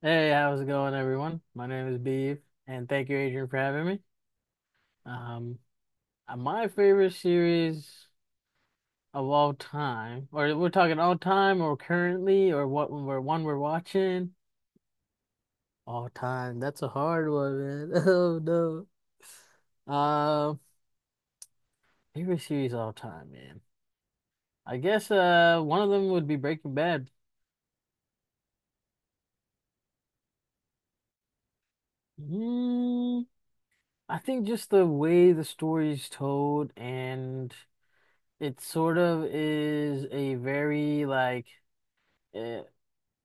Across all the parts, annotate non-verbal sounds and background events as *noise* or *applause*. Hey, how's it going, everyone? My name is Beeve, and thank you, Adrian, for having me. Um, my favorite series of all time, or we're talking all time, or currently, or what we're watching. All time. That's a hard one, man. *laughs* Oh no. Favorite series all time, man. I guess one of them would be Breaking Bad. Mm, I think just the way the story is told and it sort of is a very like uh,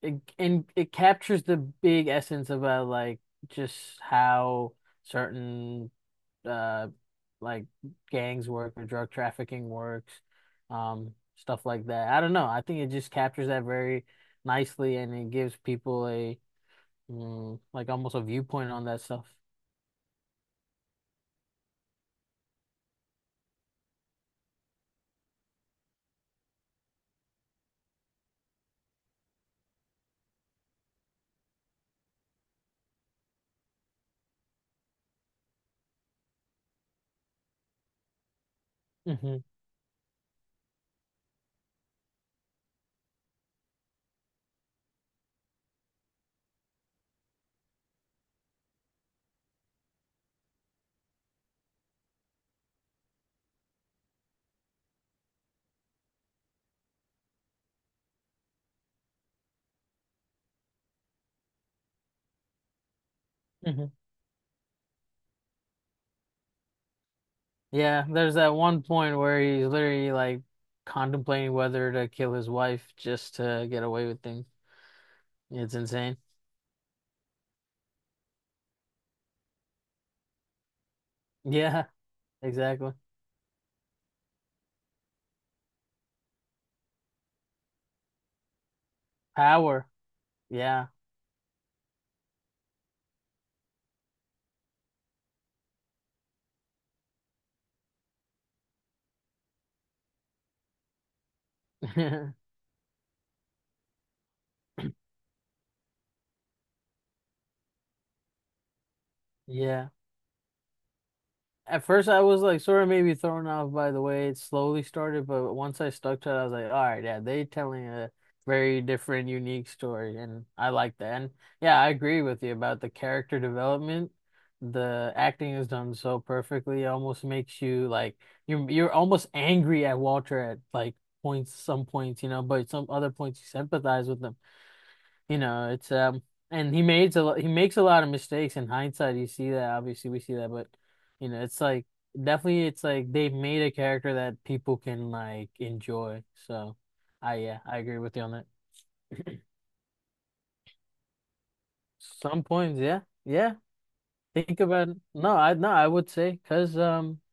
it and it captures the big essence about like just how certain uh like gangs work or drug trafficking works, stuff like that. I don't know. I think it just captures that very nicely, and it gives people a like almost a viewpoint on that stuff. hmm hmm Yeah, there's that one point where he's literally like contemplating whether to kill his wife just to get away with things. It's insane. *laughs* Yeah, exactly. Power. Yeah. *laughs* Yeah. At first, I was like sort of maybe thrown off by the way it slowly started, but once I stuck to it, I was like, all right, yeah, they telling a very different, unique story, and I like that. And yeah, I agree with you about the character development. The acting is done so perfectly, it almost makes you like you're almost angry at Walter at like points, some points, you know, but some other points you sympathize with him. You know, it's And he made a he makes a lot of mistakes. In hindsight, you see that. Obviously, we see that, but you know, it's like definitely, it's like they've made a character that people can like enjoy. So, I yeah, I agree with you on that. Some points, yeah, yeah. Think about it. No, I would say because. *laughs*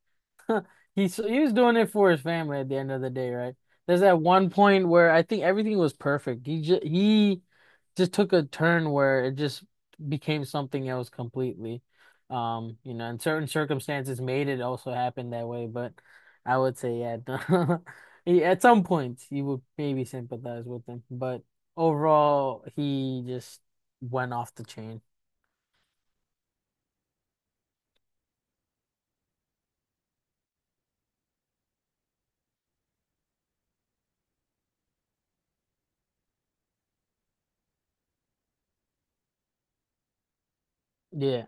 He was doing it for his family at the end of the day, right? There's that one point where I think everything was perfect. He just took a turn where it just became something else completely. You know, and certain circumstances made it also happen that way, but I would say yeah, *laughs* at some point you would maybe sympathize with him, but overall he just went off the chain. Yeah.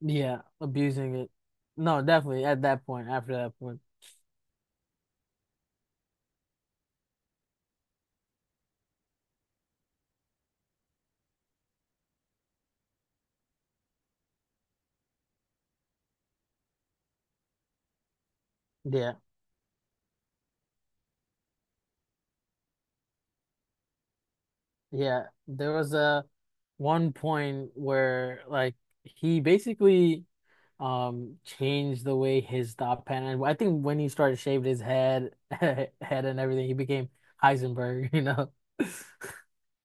Yeah, abusing it. No, definitely at that point, after that point. Yeah. Yeah, there was a one point where like he basically changed the way his thought pattern. I think when he started shaving his head, *laughs* head and everything, he became Heisenberg. You know, *laughs*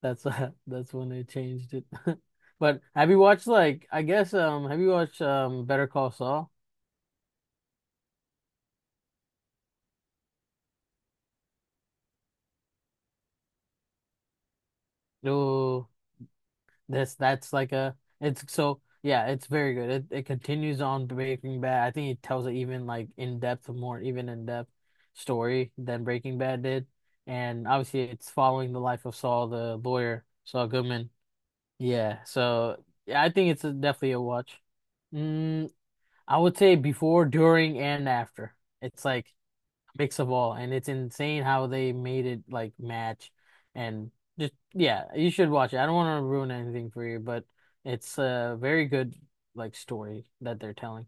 that's *laughs* that's when they changed it. *laughs* But have you watched like I guess have you watched Better Call Saul? No. This That's like a it's so yeah, it's very good. It continues on Breaking Bad. I think it tells an even like in depth, more even in depth story than Breaking Bad did. And obviously it's following the life of Saul, the lawyer, Saul Goodman. Yeah, so yeah, I think it's a, definitely a watch. Mm, I would say before, during, and after. It's like mix of all, and it's insane how they made it like match and just yeah, you should watch it. I don't want to ruin anything for you, but it's a very good like story that they're telling.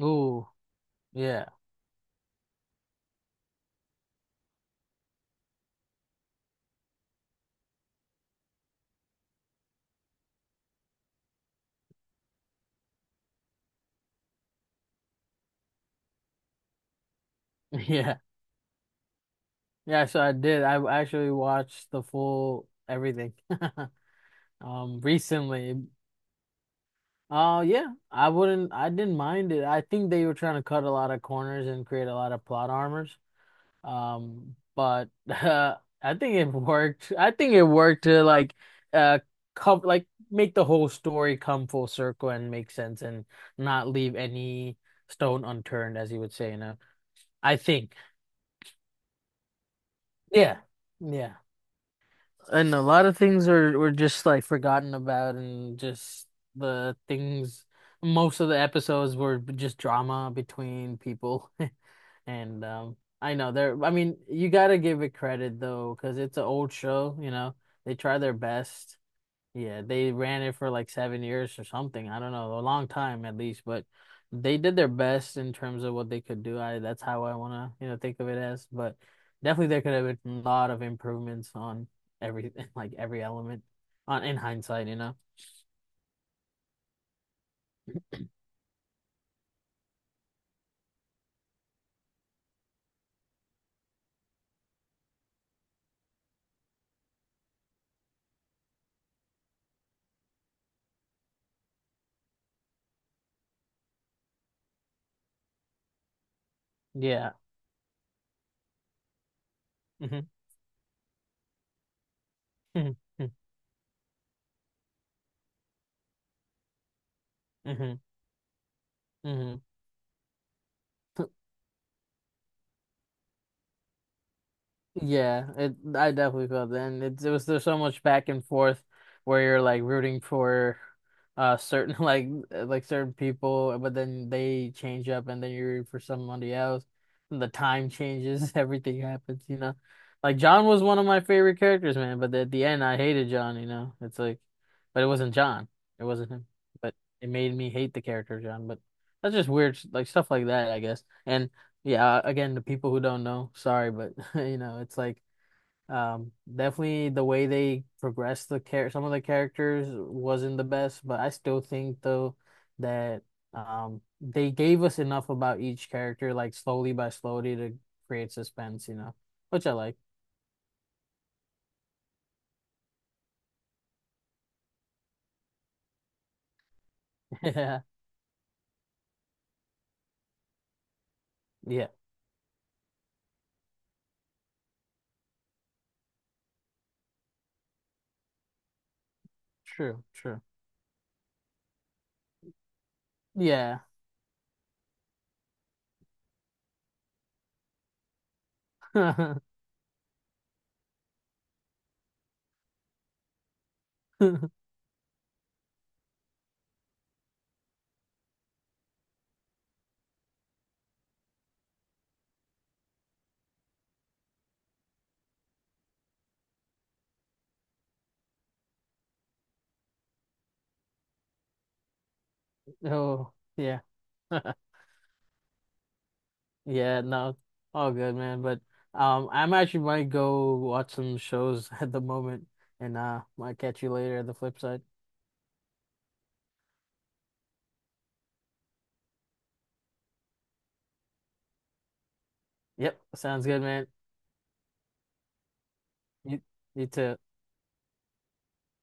Ooh, yeah, *laughs* yeah, yeah. So I did. I actually watched the full everything *laughs* recently. Yeah, I wouldn't. I didn't mind it. I think they were trying to cut a lot of corners and create a lot of plot armors. But *laughs* I think it worked. I think it worked to like uh come like make the whole story come full circle and make sense and not leave any stone unturned, as you would say, you know. I think. Yeah. Yeah. And a lot of things are were just like forgotten about, and just the things most of the episodes were just drama between people. *laughs* And I know they're, I mean, you gotta give it credit though, because it's an old show, you know. They try their best. Yeah, they ran it for like 7 years or something. I don't know, a long time at least, but they did their best in terms of what they could do. I That's how I wanna, you know, think of it as. But definitely there could have been a lot of improvements on everything, *laughs* like every element on in hindsight, you know. Yeah. hmm hmm hmm hmm Yeah, it I definitely felt that. And it was there's so much back and forth where you're like rooting for certain *laughs* like certain people, but then they change up and then you root for somebody else. And the time changes, *laughs* everything happens, you know. Like John was one of my favorite characters, man, but at the end I hated John, you know. It's like but it wasn't John. It wasn't him. But it made me hate the character of John, but that's just weird, like stuff like that, I guess. And yeah, again, the people who don't know, sorry, but *laughs* you know, it's like definitely the way they progressed the care some of the characters wasn't the best, but I still think though that they gave us enough about each character like slowly by slowly to create suspense, you know, which I like. *laughs* Yeah. Yeah. True, true. Yeah. *laughs* Oh, yeah. *laughs* Yeah, no, all good, man. But I'm actually might go watch some shows *laughs* at the moment, and might catch you later at the flip side. Yep, sounds good, man. You, you too.